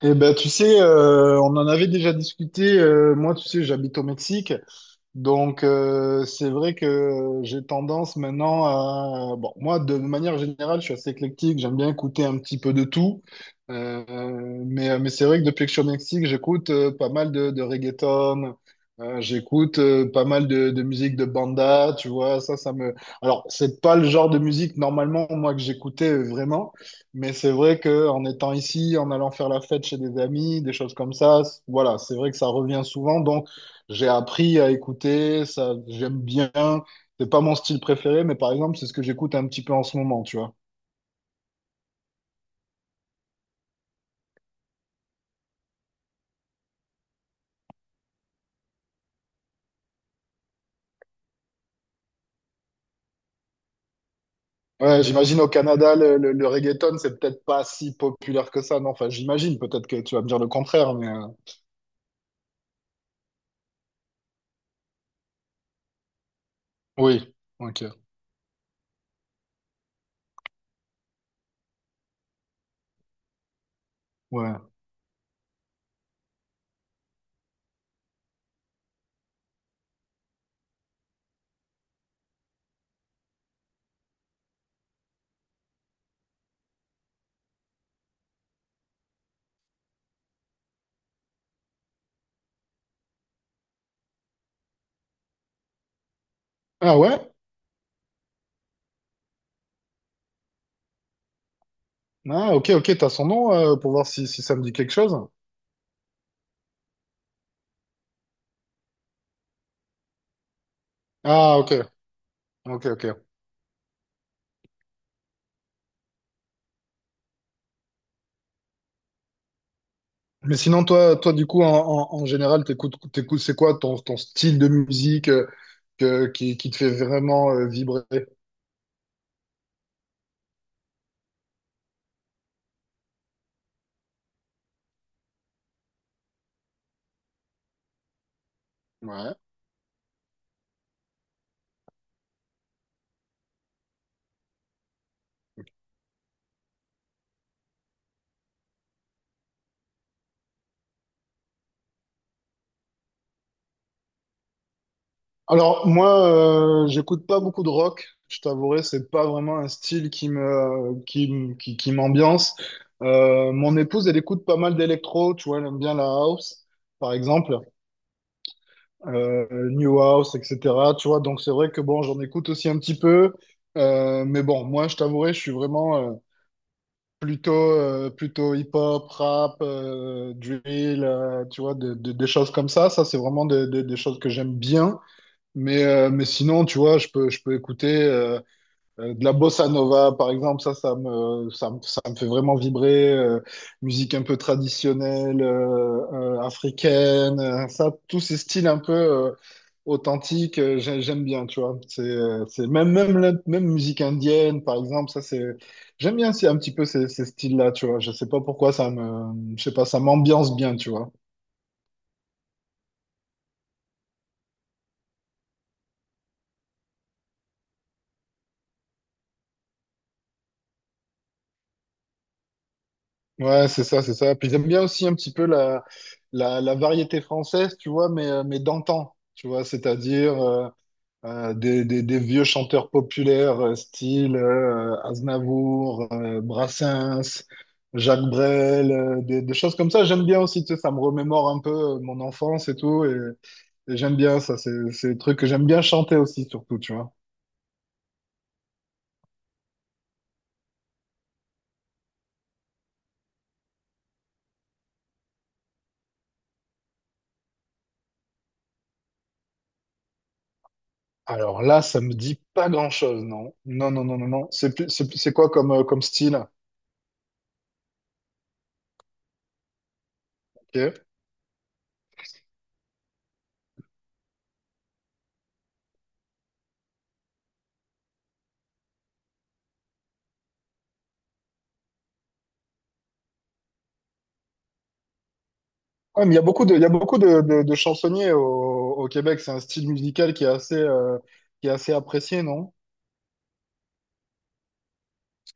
Eh ben, tu sais, on en avait déjà discuté. Moi, tu sais, j'habite au Mexique. Donc, c'est vrai que j'ai tendance maintenant à. Bon, moi, de manière générale, je suis assez éclectique. J'aime bien écouter un petit peu de tout. Euh, mais c'est vrai que depuis que je suis au Mexique, j'écoute pas mal de reggaeton. J'écoute pas mal de musique de banda, tu vois. Ça me. Alors, c'est pas le genre de musique, normalement, moi, que j'écoutais vraiment. Mais c'est vrai que en étant ici, en allant faire la fête chez des amis, des choses comme ça, voilà, c'est vrai que ça revient souvent. Donc, j'ai appris à écouter, ça, j'aime bien. C'est pas mon style préféré, mais par exemple, c'est ce que j'écoute un petit peu en ce moment, tu vois. Ouais, j'imagine au Canada, le reggaeton, c'est peut-être pas si populaire que ça. Non, enfin, j'imagine, peut-être que tu vas me dire le contraire, mais oui, ok, ouais. Ah ouais? Ah, ok, ok, t'as son nom pour voir si, si ça me dit quelque chose. Ah, ok, ok, ok. Mais sinon, toi, du coup, en général, t'écoutes, c'est quoi ton, style de musique qui te fait vraiment vibrer? Ouais. Alors, moi, j'écoute pas beaucoup de rock. Je t'avouerai, c'est pas vraiment un style qui me, qui, m- qui m'ambiance. Mon épouse, elle écoute pas mal d'électro, tu vois, elle aime bien la house, par exemple, New House, etc. Tu vois, donc c'est vrai que bon, j'en écoute aussi un petit peu. Mais bon, moi, je t'avouerai, je suis vraiment, plutôt, plutôt hip-hop, rap, drill, tu vois, des choses comme ça. Ça, c'est vraiment des choses que j'aime bien. Mais sinon, tu vois, je peux écouter de la bossa nova, par exemple, ça me fait vraiment vibrer. Musique un peu traditionnelle, africaine, ça, tous ces styles un peu authentiques, j'aime bien, tu vois. C'est même musique indienne, par exemple, ça, c'est, j'aime bien c'est un petit peu ces styles-là, tu vois. Je sais pas pourquoi je sais pas, ça m'ambiance bien, tu vois. Ouais, c'est ça, c'est ça. Puis j'aime bien aussi un petit peu la variété française, tu vois, mais d'antan, tu vois, c'est-à-dire, des, des vieux chanteurs populaires style Aznavour, Brassens, Jacques Brel, des choses comme ça. J'aime bien aussi, tu sais, ça me remémore un peu mon enfance et tout. Et j'aime bien ça, c'est des trucs que j'aime bien chanter aussi, surtout, tu vois. Alors là, ça me dit pas grand-chose, non. Non, non, non, non, non. C'est quoi comme, comme style? Ok. Ouais, mais il y a beaucoup de, de chansonniers au Québec. C'est un style musical qui est assez apprécié, non?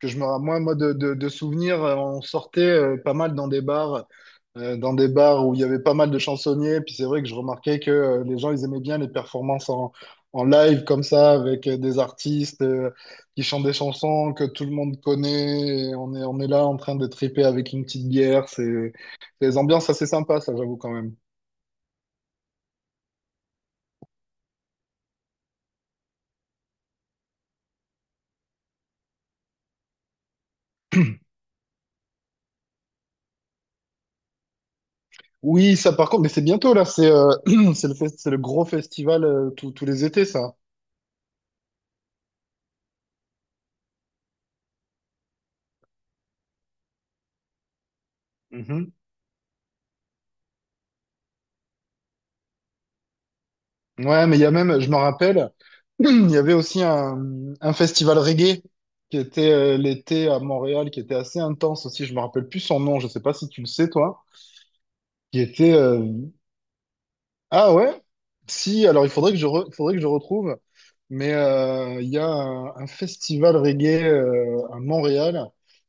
que je me ra- moi moi, de souvenirs, on sortait pas mal dans des bars où il y avait pas mal de chansonniers. Puis c'est vrai que je remarquais que les gens, ils aimaient bien les performances en live comme ça, avec des artistes qui chantent des chansons que tout le monde connaît, et on est là en train de triper avec une petite bière. C'est des ambiances assez sympas, ça, j'avoue quand même. Oui, ça par contre, mais c'est bientôt là. C'est c'est le gros festival, tous les étés, ça. Mhm. Ouais, mais il y a même, je me rappelle, il y avait aussi un, festival reggae qui était l'été à Montréal, qui était assez intense aussi. Je me rappelle plus son nom, je sais pas si tu le sais, toi. Qui était. Ah ouais? Si, alors il faudrait que je retrouve. Mais il y a un, festival reggae à Montréal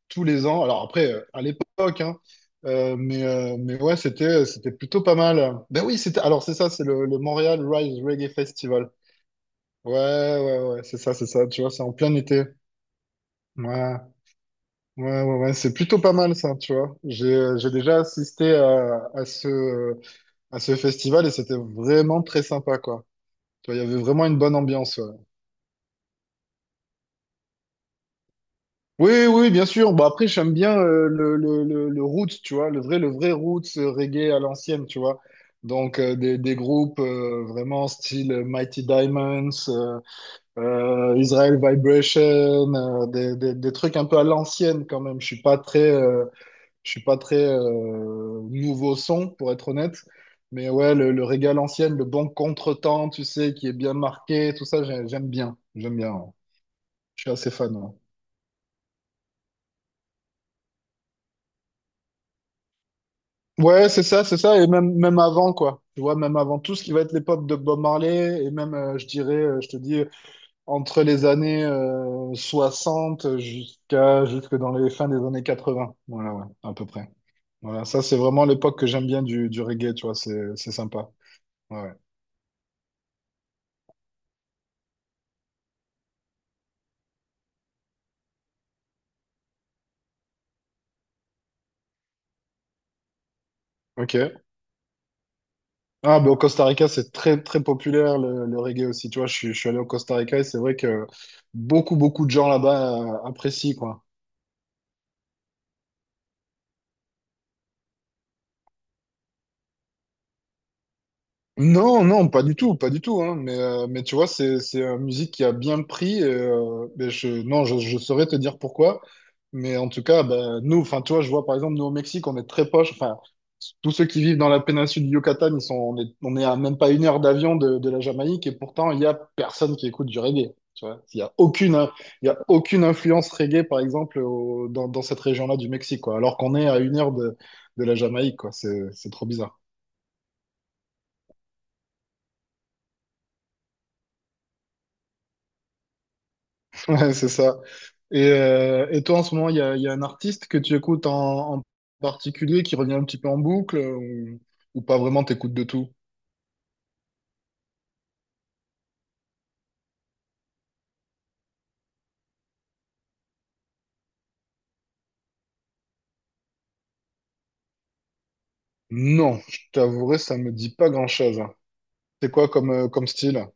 tous les ans. Alors après, à l'époque, hein, mais ouais, c'était plutôt pas mal. Ben oui, c'était, alors c'est ça, c'est le Montréal Rise Reggae Festival. Ouais, ouais, ouais, c'est ça, c'est ça. Tu vois, c'est en plein été. Ouais, ouais, ouais, ouais, c'est plutôt pas mal ça, tu vois. J'ai déjà assisté à ce festival, et c'était vraiment très sympa, quoi. Tu vois, il y avait vraiment une bonne ambiance. Ouais. Oui, oui, bien sûr. Bon, après, j'aime bien le roots, tu vois, le vrai roots reggae à l'ancienne, tu vois. Donc, des groupes vraiment style Mighty Diamonds, Israel Vibration, des trucs un peu à l'ancienne quand même. Je suis pas très, je suis pas très nouveau son, pour être honnête. Mais ouais, le régal ancienne, le bon contretemps, tu sais, qui est bien marqué, tout ça, j'aime bien. J'aime bien. Ouais. Je suis assez fan. Ouais, ouais, c'est ça, c'est ça. Et même, même avant, quoi. Tu vois, même avant tout ce qui va être l'époque de Bob Marley, et même, je dirais, je te dis, entre les années 60 jusqu'à, jusque dans les fins des années 80. Voilà, ouais, à peu près. Voilà, ça, c'est vraiment l'époque que j'aime bien du reggae, tu vois, c'est sympa. Ouais. Ouais. Ok. Ah, ben, au Costa Rica, c'est très, très populaire le reggae aussi. Tu vois, je suis allé au Costa Rica, et c'est vrai que beaucoup, beaucoup de gens là-bas apprécient, quoi. Non, non, pas du tout, pas du tout, hein. Mais tu vois, c'est une musique qui a bien pris. Et, mais non, je saurais te dire pourquoi. Mais en tout cas, bah, nous, enfin, tu vois, je vois par exemple, nous au Mexique, on est très proche. Enfin, tous ceux qui vivent dans la péninsule du Yucatan, on est à même pas une heure d'avion de la Jamaïque, et pourtant, il y a personne qui écoute du reggae. Tu vois, il y a aucune influence reggae, par exemple, dans cette région-là du Mexique, quoi. Alors qu'on est à une heure de la Jamaïque, quoi. C'est trop bizarre. Ouais, c'est ça. Et toi, en ce moment, il y a un artiste que tu écoutes en particulier qui revient un petit peu en boucle, ou pas vraiment, t'écoutes de tout? Non, je t'avouerai, ça me dit pas grand-chose. C'est quoi comme, comme style?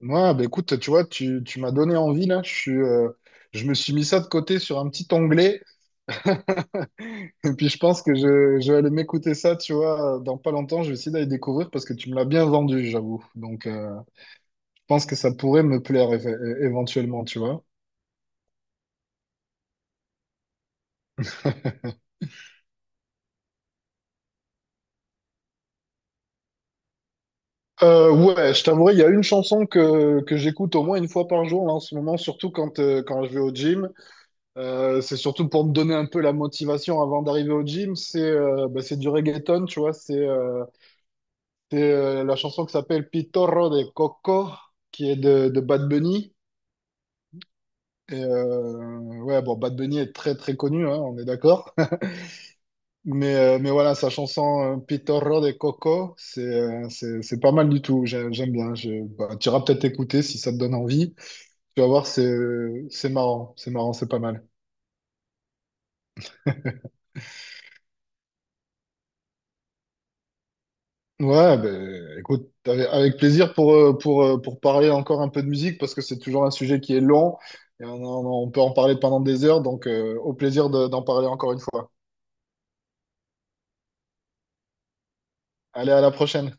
Moi, bah écoute, tu vois, tu m'as donné envie là. Je me suis mis ça de côté sur un petit onglet. Et puis je pense que je vais aller m'écouter ça, tu vois, dans pas longtemps. Je vais essayer d'aller découvrir, parce que tu me l'as bien vendu, j'avoue. Donc je pense que ça pourrait me plaire éventuellement, tu vois. Ouais, je t'avouerai, il y a une chanson que j'écoute au moins une fois par jour là, en ce moment, surtout quand je vais au gym. C'est surtout pour me donner un peu la motivation avant d'arriver au gym. C'est bah, c'est du reggaeton, tu vois. C'est la chanson qui s'appelle Pitorro de Coco, qui est de Bad Bunny. Et, ouais, bon, Bad Bunny est très très connu, hein, on est d'accord. Mais voilà, sa chanson Pitorro de Coco, c'est pas mal du tout. J'aime bien. Bah, tu iras peut-être écouter si ça te donne envie. Tu vas voir, c'est marrant, c'est marrant, c'est pas mal. Ouais, ben écoute, avec plaisir pour parler encore un peu de musique, parce que c'est toujours un sujet qui est long, et on peut en parler pendant des heures, donc au plaisir d'en parler encore une fois. Allez, à la prochaine.